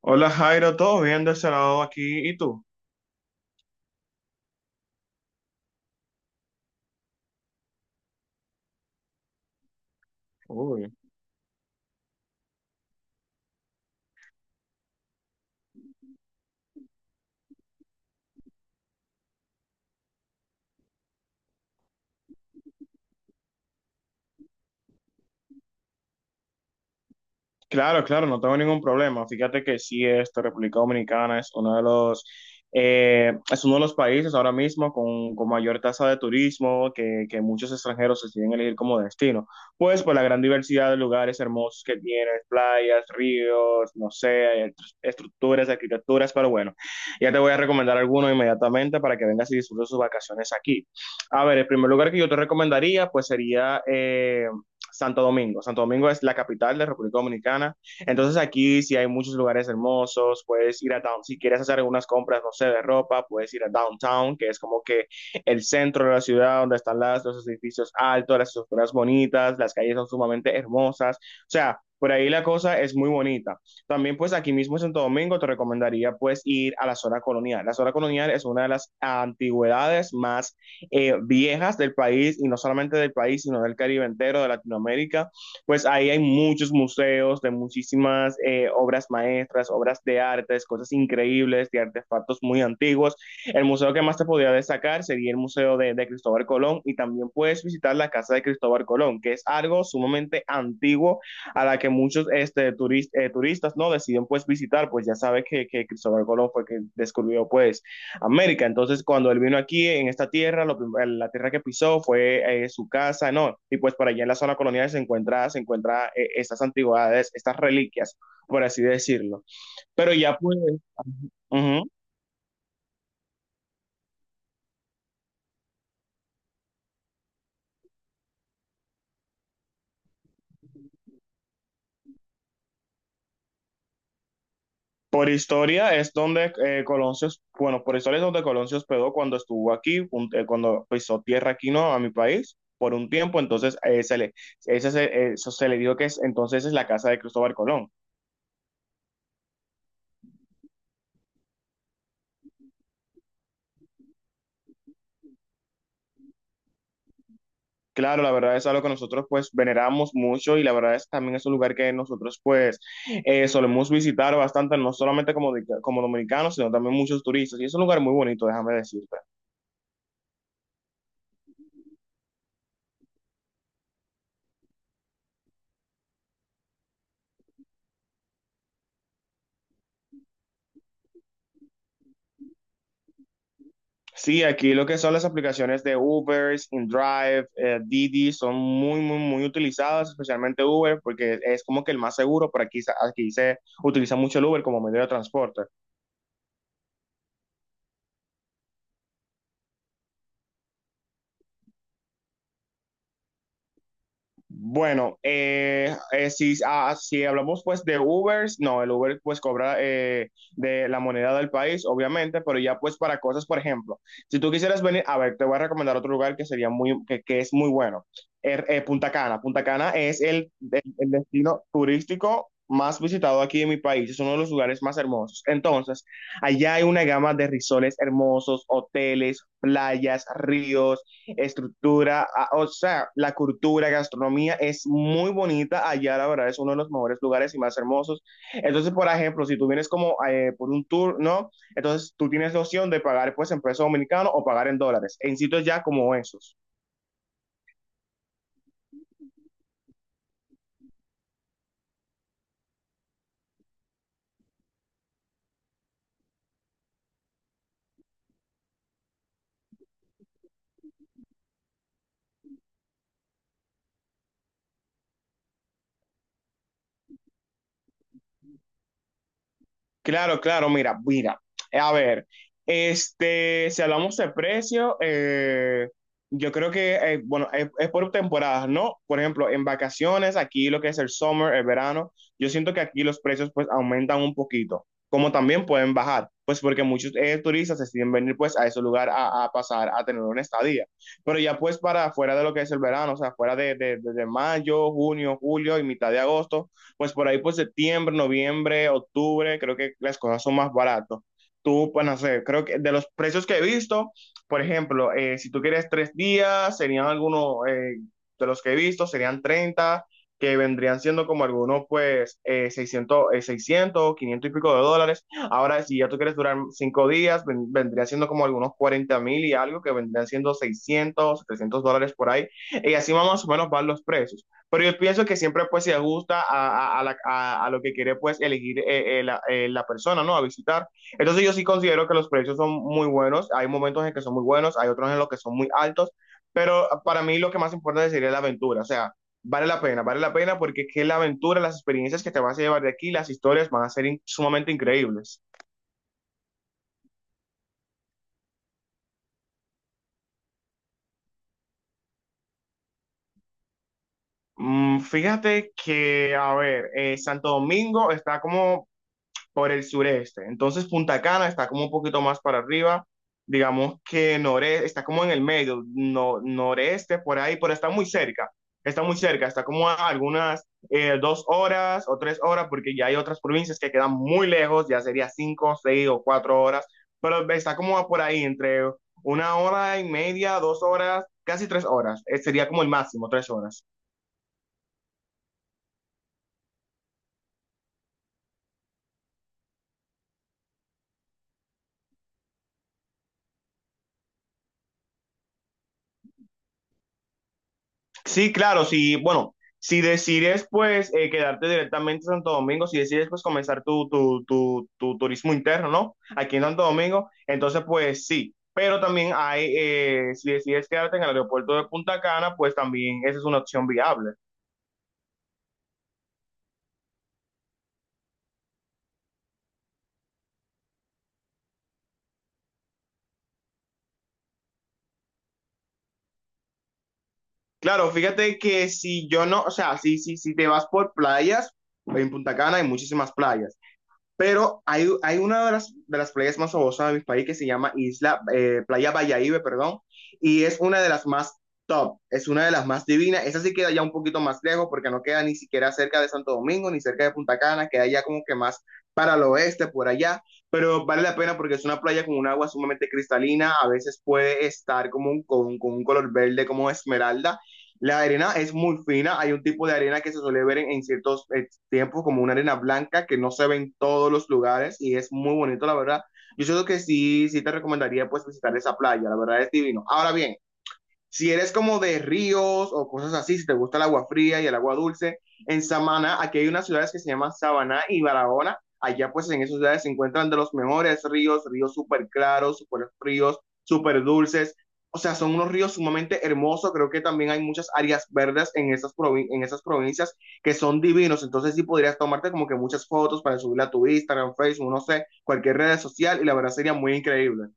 Hola Jairo, ¿todo bien de ese lado aquí? ¿Y tú? Uy. Claro, claro, no tengo ningún problema. Fíjate que sí, esta República Dominicana es uno de los países ahora mismo con mayor tasa de turismo que muchos extranjeros deciden elegir como destino. Pues por la gran diversidad de lugares hermosos que tiene, playas, ríos, no sé, estructuras, arquitecturas, pero bueno, ya te voy a recomendar alguno inmediatamente para que vengas y disfrutes sus vacaciones aquí. A ver, el primer lugar que yo te recomendaría pues sería... Santo Domingo. Santo Domingo es la capital de República Dominicana. Entonces aquí sí hay muchos lugares hermosos, puedes ir a downtown si quieres hacer algunas compras, no sé, de ropa, puedes ir a downtown, que es como que el centro de la ciudad donde están los edificios altos, las estructuras bonitas, las calles son sumamente hermosas. O sea, por ahí la cosa es muy bonita. También pues aquí mismo en Santo Domingo te recomendaría pues ir a la zona colonial. La zona colonial es una de las antigüedades más viejas del país, y no solamente del país, sino del Caribe entero, de Latinoamérica. Pues ahí hay muchos museos de muchísimas obras maestras, obras de artes, cosas increíbles, de artefactos muy antiguos. El museo que más te podría destacar sería el Museo de Cristóbal Colón, y también puedes visitar la Casa de Cristóbal Colón, que es algo sumamente antiguo, a la que muchos turistas no deciden pues visitar. Pues ya sabes que Cristóbal Colón fue que descubrió pues América. Entonces, cuando él vino aquí en esta tierra, la tierra que pisó fue su casa, ¿no? Y pues por allá en la zona colonial se encuentra estas antigüedades, estas reliquias, por así decirlo. Pero ya pues, uh -huh, por historia es donde Colón se hospedó cuando estuvo aquí, cuando pisó tierra aquí, ¿no? A mi país por un tiempo. Entonces se le, ese, se, eso se le dijo que es, entonces es la casa de Cristóbal Colón. Claro, la verdad es algo que nosotros pues veneramos mucho, y la verdad es que también es un lugar que nosotros pues solemos visitar bastante, no solamente como, como dominicanos, sino también muchos turistas. Y es un lugar muy bonito, déjame decirte. Sí, aquí lo que son las aplicaciones de Uber, InDrive, Didi son muy, muy, muy utilizadas, especialmente Uber, porque es como que el más seguro, pero aquí, aquí se utiliza mucho el Uber como medio de transporte. Bueno, si hablamos pues de Ubers, no, el Uber pues cobra de la moneda del país, obviamente, pero ya pues para cosas, por ejemplo, si tú quisieras venir, a ver, te voy a recomendar otro lugar que sería muy, que es muy bueno. Punta Cana. Punta Cana es el destino turístico más visitado aquí en mi país, es uno de los lugares más hermosos. Entonces, allá hay una gama de risoles hermosos, hoteles, playas, ríos, estructura, o sea, la cultura, gastronomía es muy bonita allá, la verdad, es uno de los mejores lugares y más hermosos. Entonces, por ejemplo, si tú vienes como por un tour, ¿no? Entonces tú tienes la opción de pagar pues en peso dominicano o pagar en dólares, en sitios ya como esos. Claro, claro, mira, mira. A ver, si hablamos de precio, yo creo que, bueno, es por temporadas, ¿no? Por ejemplo, en vacaciones, aquí lo que es el summer, el verano, yo siento que aquí los precios pues aumentan un poquito, como también pueden bajar, pues porque muchos turistas deciden venir pues a ese lugar a pasar, a tener una estadía. Pero ya pues, para fuera de lo que es el verano, o sea, fuera de mayo, junio, julio y mitad de agosto, pues por ahí por septiembre, noviembre, octubre, creo que las cosas son más baratas. Tú, pues no sé, creo que de los precios que he visto, por ejemplo, si tú quieres 3 días, serían algunos, de los que he visto, serían 30, que vendrían siendo como algunos, pues, 600, 600, 500 y pico de dólares. Ahora, si ya tú quieres durar 5 días, vendría siendo como algunos 40.000 y algo, que vendrían siendo 600, $300 por ahí. Y así más o menos van los precios. Pero yo pienso que siempre pues se ajusta a lo que quiere pues elegir la persona, ¿no? A visitar. Entonces yo sí considero que los precios son muy buenos. Hay momentos en que son muy buenos, hay otros en los que son muy altos, pero para mí lo que más importante sería la aventura. O sea, vale la pena, vale la pena, porque es que la aventura, las experiencias que te vas a llevar de aquí, las historias van a ser sumamente increíbles. Fíjate que, a ver, Santo Domingo está como por el sureste. Entonces Punta Cana está como un poquito más para arriba, digamos que noreste, está como en el medio, no, noreste por ahí, pero está muy cerca, está muy cerca, está como a algunas 2 horas o 3 horas, porque ya hay otras provincias que quedan muy lejos, ya sería 5, 6 o 4 horas, pero está como a por ahí entre una hora y media, 2 horas, casi 3 horas. Sería como el máximo, 3 horas. Sí, claro, sí, bueno, si decides pues quedarte directamente en Santo Domingo, si decides pues comenzar tu turismo interno, ¿no? Aquí en Santo Domingo, entonces pues sí, pero también hay, si decides quedarte en el aeropuerto de Punta Cana, pues también esa es una opción viable. Claro, fíjate que si yo no, o sea, si te vas por playas, en Punta Cana hay muchísimas playas. Pero hay una de las playas más famosas de mi país que se llama Playa Valladolid, perdón, y es una de las más top, es una de las más divinas. Esa sí queda ya un poquito más lejos, porque no queda ni siquiera cerca de Santo Domingo ni cerca de Punta Cana, queda ya como que más para el oeste, por allá, pero vale la pena porque es una playa con un agua sumamente cristalina. A veces puede estar como con un color verde como esmeralda. La arena es muy fina, hay un tipo de arena que se suele ver en, ciertos, en tiempos, como una arena blanca que no se ve en todos los lugares, y es muy bonito, la verdad. Yo siento que sí, sí te recomendaría pues visitar esa playa, la verdad es divino. Ahora bien, si eres como de ríos o cosas así, si te gusta el agua fría y el agua dulce, en Samaná, aquí hay unas ciudades que se llaman Samaná y Barahona. Allá pues en esas ciudades se encuentran de los mejores ríos, ríos súper claros, súper fríos, súper dulces. O sea, son unos ríos sumamente hermosos. Creo que también hay muchas áreas verdes en esas provincias, que son divinos. Entonces sí podrías tomarte como que muchas fotos para subirla a tu Instagram, Facebook, no sé, cualquier red social, y la verdad sería muy increíble.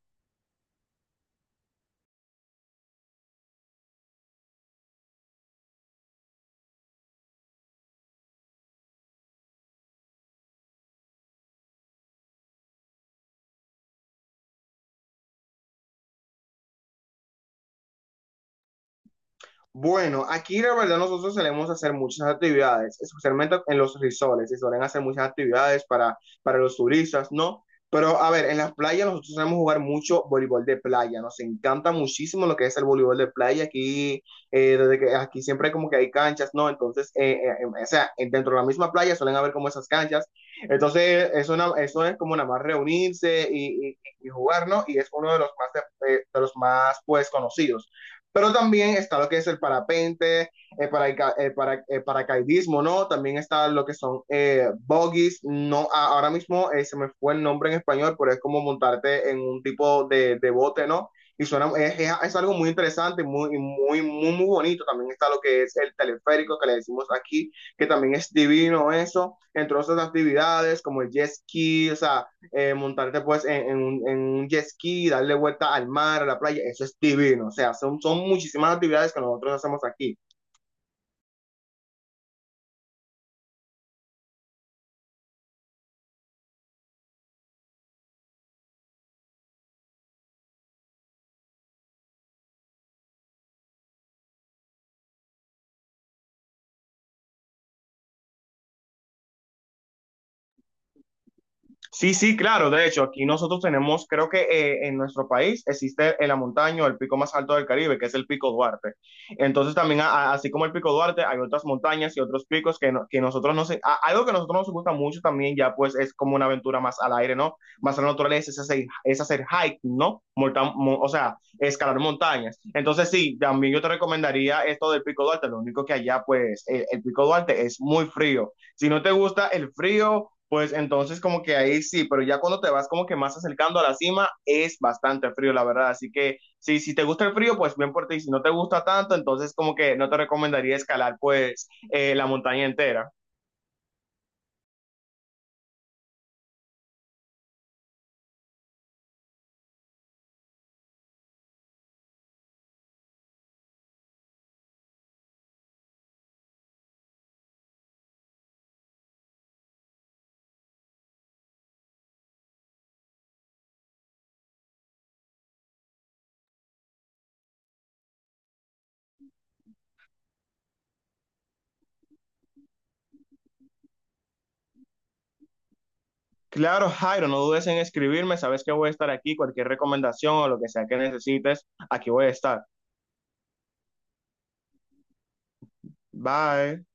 Bueno, aquí la verdad nosotros solemos hacer muchas actividades, especialmente en los resorts, se suelen hacer muchas actividades para los turistas, ¿no? Pero a ver, en las playas nosotros solemos jugar mucho voleibol de playa, nos encanta muchísimo lo que es el voleibol de playa aquí, desde que aquí siempre como que hay canchas, ¿no? Entonces, o sea, dentro de la misma playa suelen haber como esas canchas, entonces es una, eso es como nada más reunirse y, y jugar, ¿no? Y es uno de los más, de los más pues conocidos. Pero también está lo que es el parapente, el paracaidismo, ¿no? También está lo que son buggies, no, ahora mismo se me fue el nombre en español, pero es como montarte en un tipo de bote, ¿no? Y suena, algo muy interesante, muy, muy, muy, muy bonito. También está lo que es el teleférico que le decimos aquí, que también es divino eso. Entre otras actividades como el jet ski, o sea, montarte pues en un jet ski, darle vuelta al mar, a la playa, eso es divino, o sea, son muchísimas actividades que nosotros hacemos aquí. Sí, sí, claro. De hecho, aquí nosotros tenemos, creo que en nuestro país existe en la montaña el pico más alto del Caribe, que es el Pico Duarte. Entonces también, así como el Pico Duarte, hay otras montañas y otros picos que nosotros no sé, algo que a nosotros nos gusta mucho también, ya pues es como una aventura más al aire, ¿no? Más a la naturaleza, es hacer hiking, ¿no? O sea, escalar montañas. Entonces sí, también yo te recomendaría esto del Pico Duarte. Lo único que allá pues el Pico Duarte es muy frío. Si no te gusta el frío, pues entonces como que ahí sí, pero ya cuando te vas como que más acercando a la cima es bastante frío, la verdad. Así que sí, si te gusta el frío, pues bien por ti. Si no te gusta tanto, entonces como que no te recomendaría escalar pues la montaña entera. Claro, Jairo, no dudes en escribirme. Sabes que voy a estar aquí. Cualquier recomendación o lo que sea que necesites, aquí voy a estar. Bye.